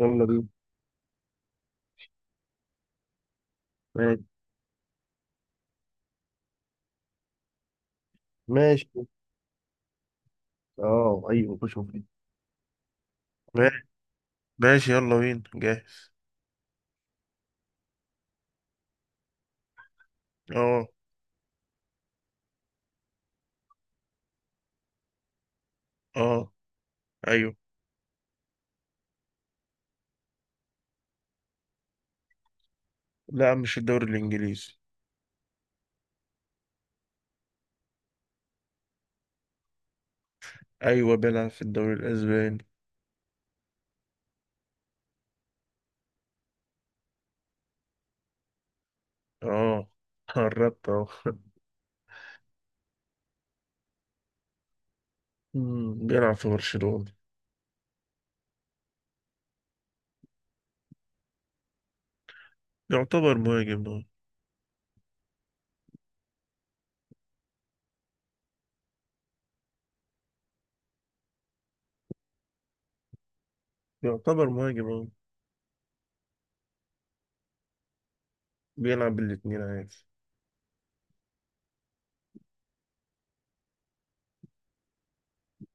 يلا بينا. ماشي ماشي. اه ايوه، خش مفيد. ما- ماشي، يلا بينا جاهز. اه. اه ايوه. لا، مش في الدوري الانجليزي. ايوه بيلعب في الدوري الاسباني. اه، قربت اهو. بيلعب في برشلونة. يعتبر مهاجم اه. يعتبر مهاجم اه. بيلعب الاتنين عادي.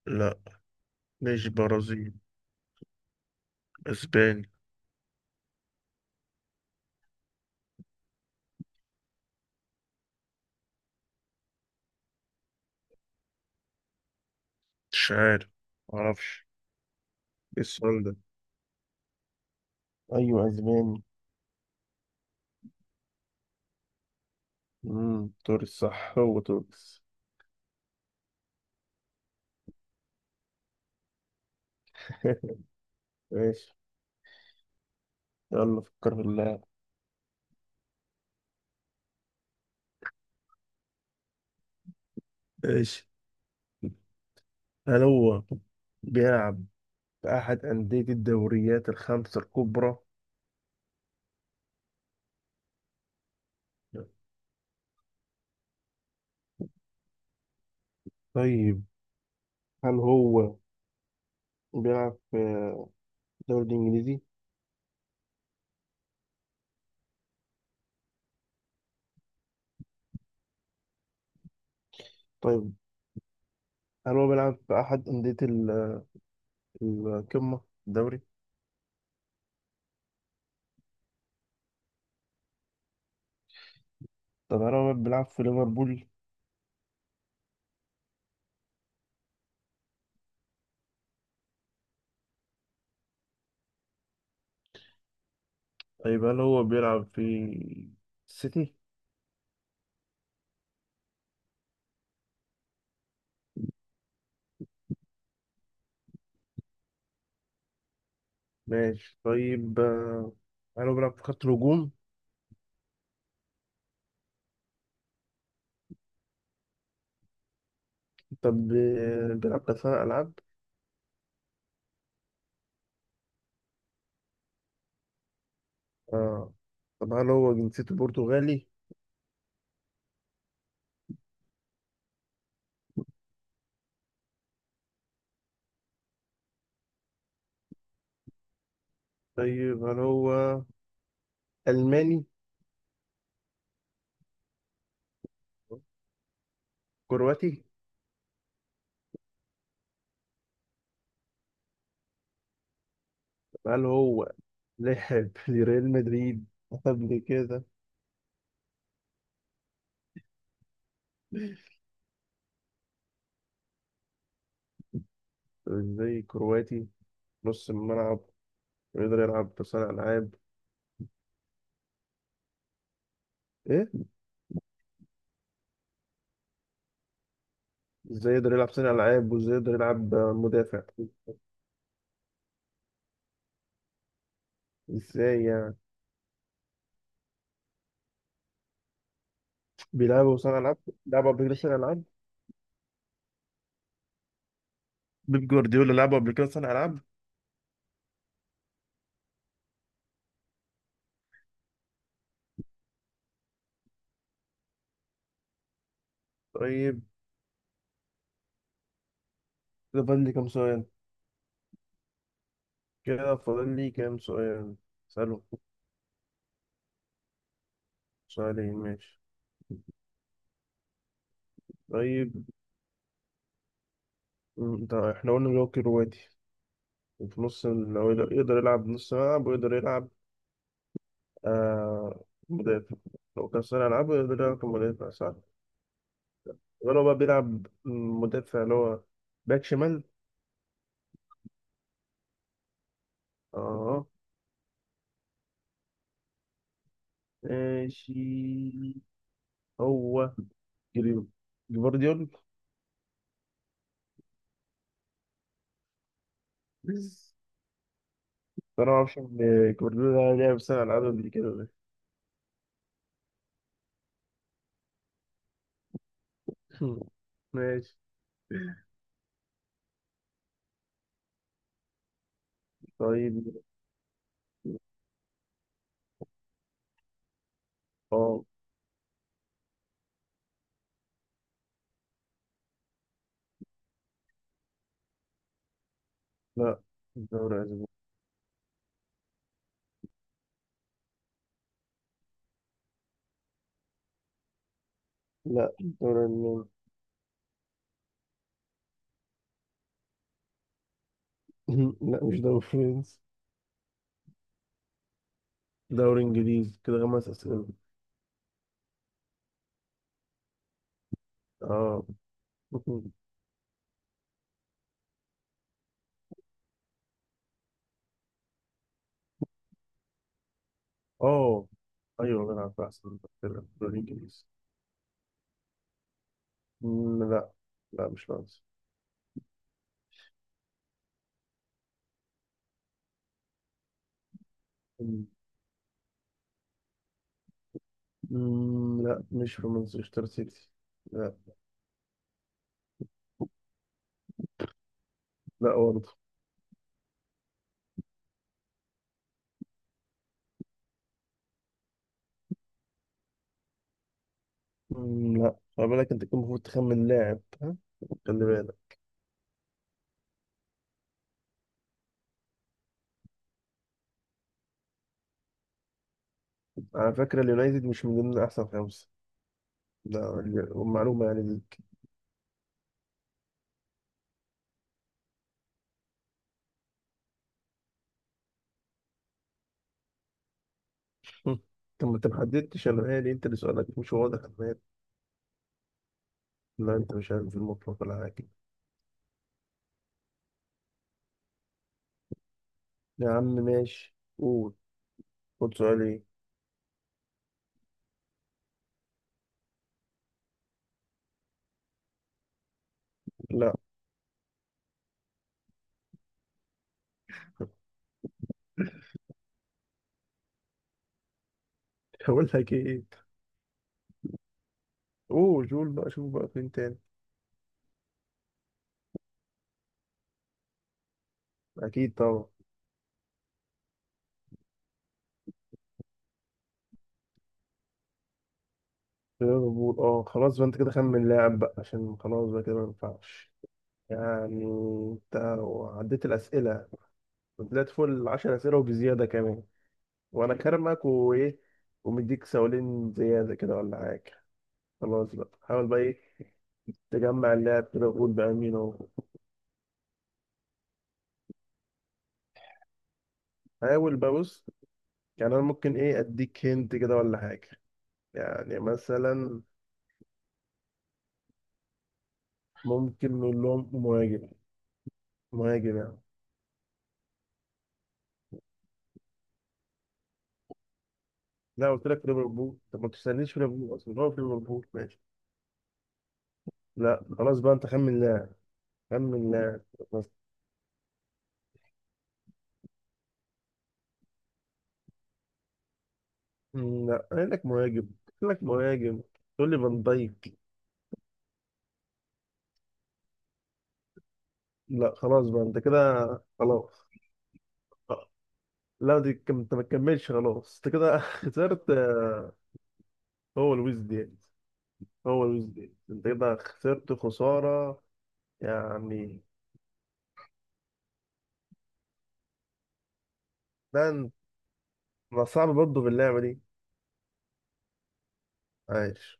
لا، مش برازيل. اسباني. مش عارف، معرفش. ايه السؤال ده؟ ايوه اسباني. توريس، صح هو توريس. ماشي، يلا فكر في اللاعب. ماشي. هل هو بيلعب في أحد أندية الدوريات 5 الكبرى؟ طيب، هل هو بيلعب في الدوري الإنجليزي؟ طيب، هل هو بيلعب في أحد أندية القمة الدوري؟ طب هل هو بيلعب في ليفربول؟ طيب، هل هو بيلعب في السيتي؟ ماشي. طيب هل هو بيلعب في خط الهجوم؟ طب بيلعب كأس ألعاب؟ آه. طب هل هو جنسيته برتغالي؟ طيب، هل هو ألماني؟ كرواتي. طب هل هو لعب لريال مدريد قبل كده؟ طب ازاي كرواتي، نص الملعب، ويقدر يلعب صانع ألعاب؟ ايه؟ ازاي يقدر يلعب صانع ألعاب وازاي يقدر يلعب مدافع؟ ازاي يعني؟ بيلعبوا صانع ألعاب؟ لعبوا قبل كده صانع ألعاب؟ بيب جوارديولا لعبوا قبل كده صانع ألعاب. طيب، كده فاضل لي كام سؤال؟ كده فاضل لي كام سؤال اسأله؟ سؤالين ماشي. طيب، انت احنا قلنا اللي هو كرواتي، وفي نص هو يقدر يلعب نص ملعب، ويقدر يلعب آه مدافع. لو كان صانع ألعاب يقدر يلعب كمدافع، صح؟ ولو بقى بيلعب مدافع، اللي هو باك شمال. اه ماشي. هو جري- جفارديول بس. أنا ما أعرفش إن جفارديول ده لعب صانع ألعاب قبل كده. ماشي. طيب اه. لا، دوري أسباني. لا، دوري ألماني. لا، مش دوري فرنسي. دوري إنجليزي، كده 5 أسئلة. اه. اه ايوه، بلعب في احسن، بلعب في الدوري الانجليزي. لا. لا، مش فرنسا. مم، لا، مش في مانشستر سيتي. لا، لا برضه. لا. خلي بالك، انت كنت المفروض تخمن لاعب، ها؟ خلي بالك. على فكرة اليونايتد مش من ضمن احسن 5، ده معلومة يعني ليك. طب ما انت ما حددتش، انا مالي؟ انت اللي سؤالك مش واضح، انا مالي؟ لا، انت مش عارف المطلق ولا حاجة. يا عم ماشي، قول، خد سؤال ايه. لا. هقول لك ايه؟ اوه جول بقى، شوف بقى فين تاني. اكيد طبعا. ليفربول اه، خلاص بقى، انت كده خمن لاعب بقى، عشان خلاص بقى كده ما ينفعش يعني. انت عديت الاسئله، طلعت فوق ال10 اسئله وبزياده كمان، وانا كرمك وايه، ومديك 2 سؤال زياده كده ولا حاجه. خلاص بقى، حاول بقى ايه، تجمع اللاعب كده وقول بقى مين هو. حاول بقى، بص، يعني انا ممكن ايه اديك هنت كده ولا حاجه. يعني مثلا ممكن نقول لهم مهاجم. مهاجم يعني. لا، قلت لك ليفربول. طب ما تستنيش، في ليفربول اصلا، هو في ليفربول، ماشي. لا خلاص بقى، انت خمن لاعب. خمن لاعب بس. لا، قايل لك مهاجم. قايل لك مهاجم، تقول لي فان دايك؟ لا خلاص بقى، انت كده خلاص. آه، لا، انت ما تكملش خلاص، انت كده خسرت. هو لويس دياز. هو لويس دياز، انت كده خسرت خسارة يعني. ده انت- ما صعب برضه في اللعبة دي. عايش.